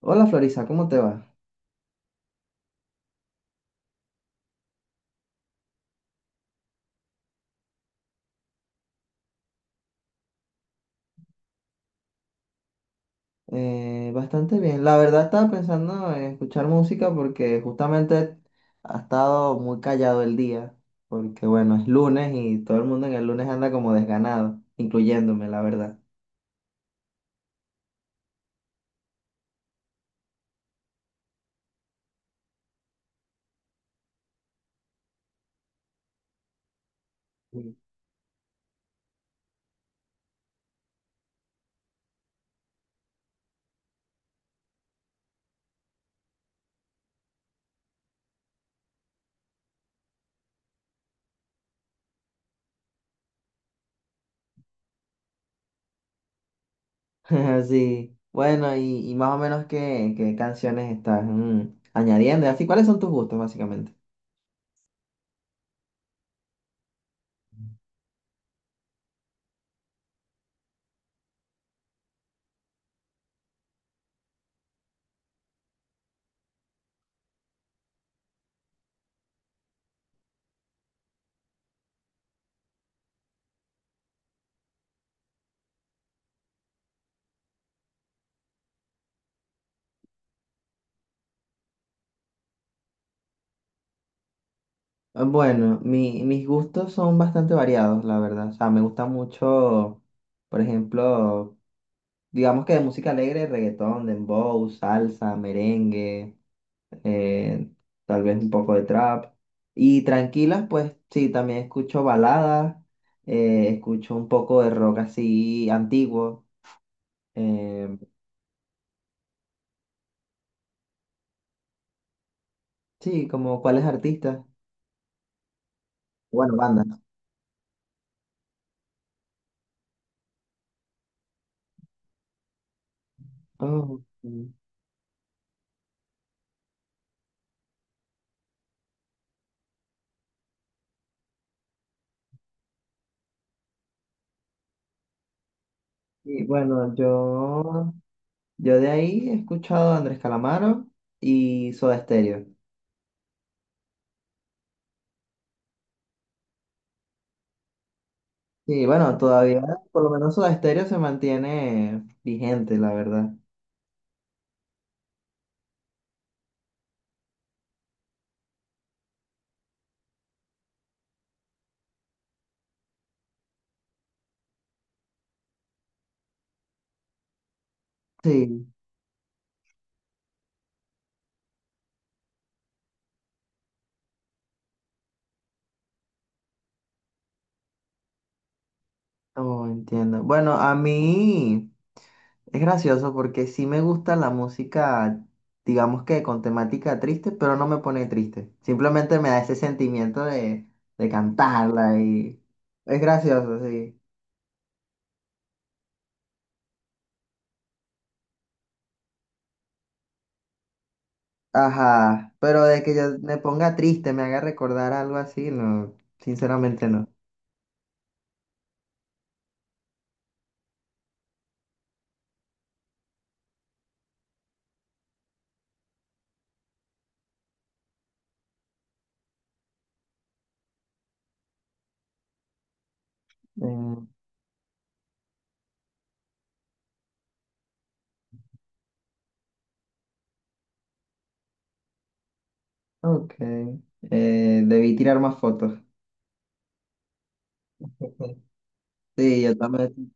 Hola Florisa, ¿cómo te va? Bastante bien. La verdad, estaba pensando en escuchar música porque justamente ha estado muy callado el día, porque bueno, es lunes y todo el mundo en el lunes anda como desganado, incluyéndome, la verdad. Mm. Sí, bueno, y más o menos qué canciones estás añadiendo, y así, ¿cuáles son tus gustos básicamente? Ah, bueno, mis gustos son bastante variados, la verdad. O sea, me gusta mucho, por ejemplo, digamos que de música alegre, reggaetón, dembow, salsa, merengue, eh, tal vez un poco de trap. Y tranquilas, pues sí, también escucho baladas, escucho un poco de rock así antiguo. eh, sí, ¿como cuáles artistas? Bueno, bandas. Oh, mm. Y bueno, yo de ahí he escuchado a Andrés Calamaro y Soda Stereo. Sí, bueno, todavía, por lo menos Soda Stereo se mantiene vigente, la verdad. Sí, oh, entiendo. Bueno, a mí es gracioso porque sí me gusta la música, digamos que con temática triste, pero no me pone triste. Simplemente me da ese sentimiento de cantarla y es gracioso, sí. Ajá, pero de que yo me ponga triste, me haga recordar algo así, no, sinceramente no. Mm, ok. Debí tirar más fotos. Sí, yo también.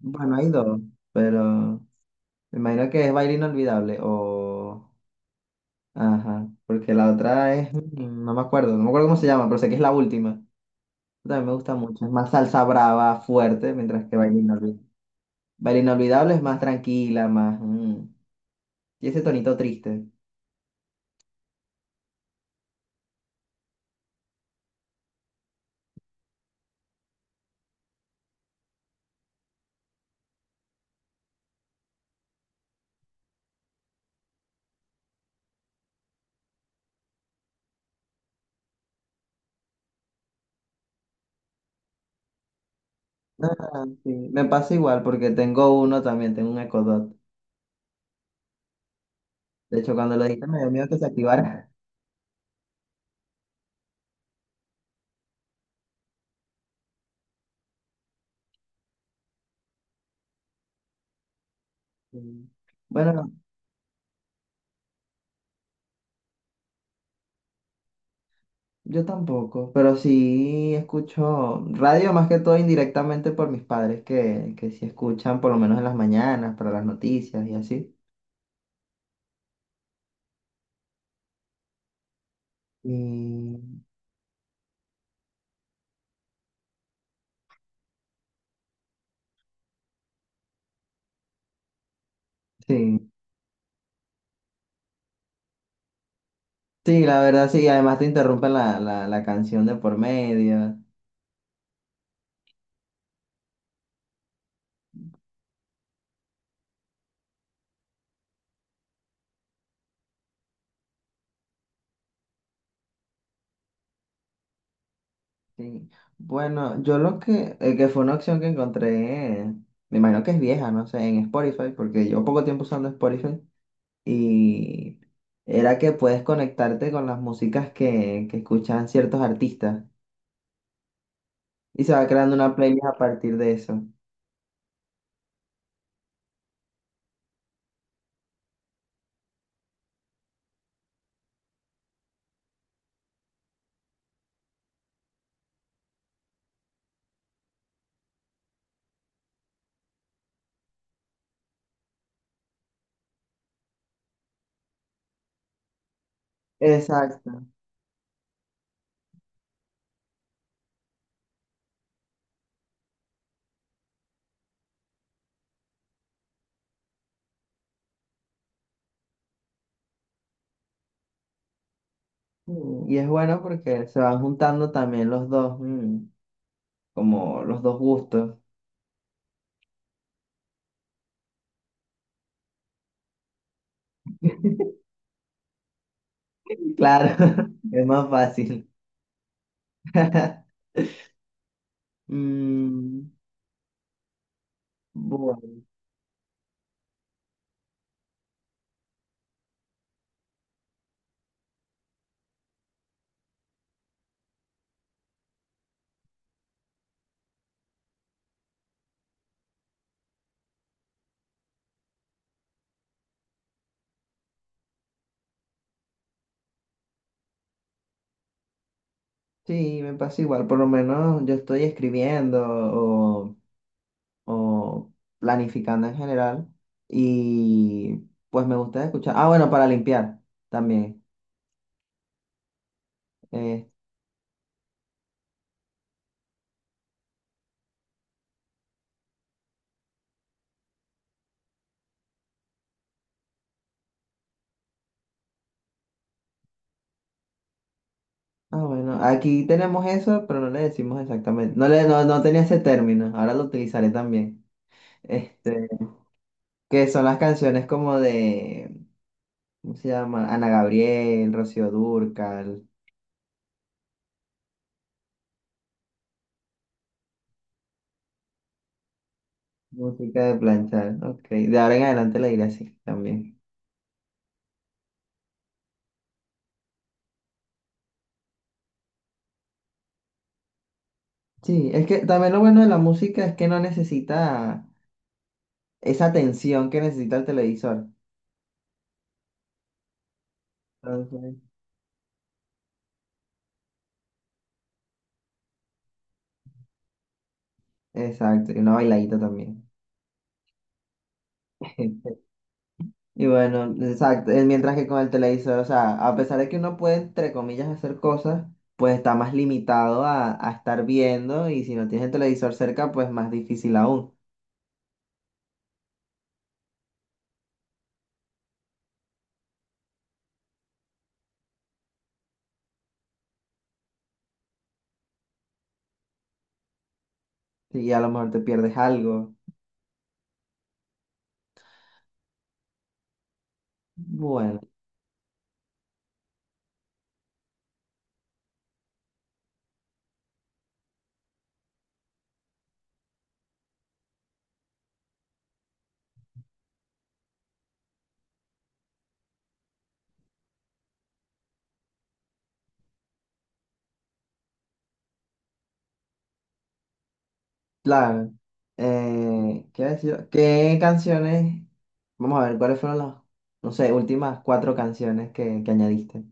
Bueno, hay dos, pero... Me imagino que es Baile Inolvidable o... Ajá, porque la otra es... mm, no me acuerdo, no me acuerdo cómo se llama, pero sé que es la última. También me gusta mucho, es más salsa brava, fuerte, mientras que Baile Inolvidable. Baile Inolvidable es más tranquila, más... mm, y ese tonito triste. Ah, sí, me pasa igual porque tengo uno también, tengo un Echo Dot. De hecho, cuando lo dijiste me dio miedo que se activara. Sí. Bueno, yo tampoco, pero sí escucho radio más que todo indirectamente por mis padres que sí escuchan por lo menos en las mañanas para las noticias y así. Y sí, sí, la verdad sí, además te interrumpen la canción de por medio. Sí. Bueno, yo lo que fue una opción que encontré, me imagino que es vieja, no sé, en Spotify, porque llevo poco tiempo usando Spotify y era que puedes conectarte con las músicas que escuchan ciertos artistas. Y se va creando una playlist a partir de eso. Exacto. Mm, y es bueno porque se van juntando también los dos, mm, como los dos gustos. Claro, es más fácil. Mm, bueno, sí, me pasa igual. Por lo menos yo estoy escribiendo o planificando en general. Y pues me gusta escuchar. Ah, bueno, para limpiar también. Eh, ah, bueno, aquí tenemos eso, pero no le decimos exactamente. No le, no, no tenía ese término, ahora lo utilizaré también. Este, que son las canciones como de, ¿cómo se llama? Ana Gabriel, Rocío Dúrcal, música de planchar. Ok, de ahora en adelante la iré así también. Sí, es que también lo bueno de la música es que no necesita esa atención que necesita el televisor. Entonces, exacto, y una bailadita también. Y bueno, exacto, mientras que con el televisor, o sea, a pesar de que uno puede, entre comillas, hacer cosas, pues está más limitado a estar viendo y si no tienes el televisor cerca, pues más difícil aún. Y a lo mejor te pierdes algo. Bueno, claro. ¿Qué iba a decir? ¿Qué canciones? Vamos a ver, ¿cuáles fueron las, no sé, últimas cuatro canciones que añadiste?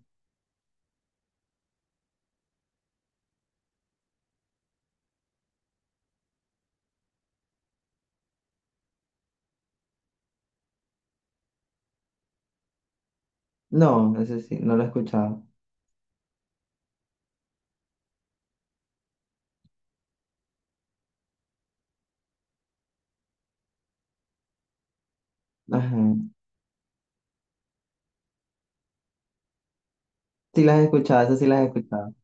No, eso sí, no lo he escuchado. Ajá. Sí las he escuchado, eso sí las he escuchado.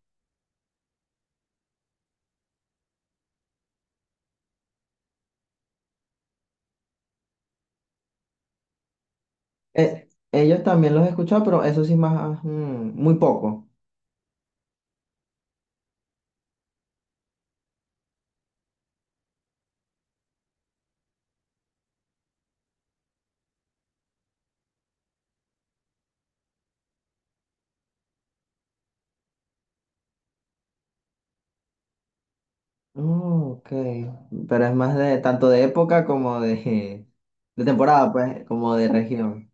Eh, ellos también los he escuchado, pero eso sí más, mm, muy poco. Oh, ok. Pero es más de tanto de época como de temporada, pues, como de región.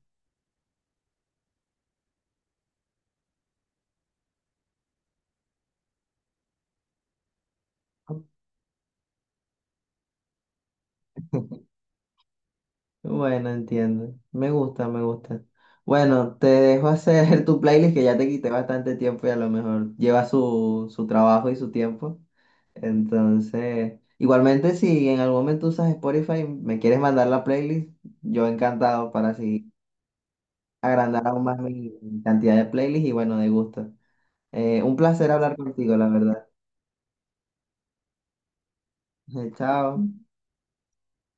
Bueno, entiendo. Me gusta, me gusta. Bueno, te dejo hacer tu playlist, que ya te quité bastante tiempo y a lo mejor lleva su, su trabajo y su tiempo. Entonces, igualmente, si en algún momento usas Spotify, me quieres mandar la playlist, yo encantado para seguir, agrandar aún más mi mi cantidad de playlists y bueno, de gusto. Un placer hablar contigo, la verdad. Chao.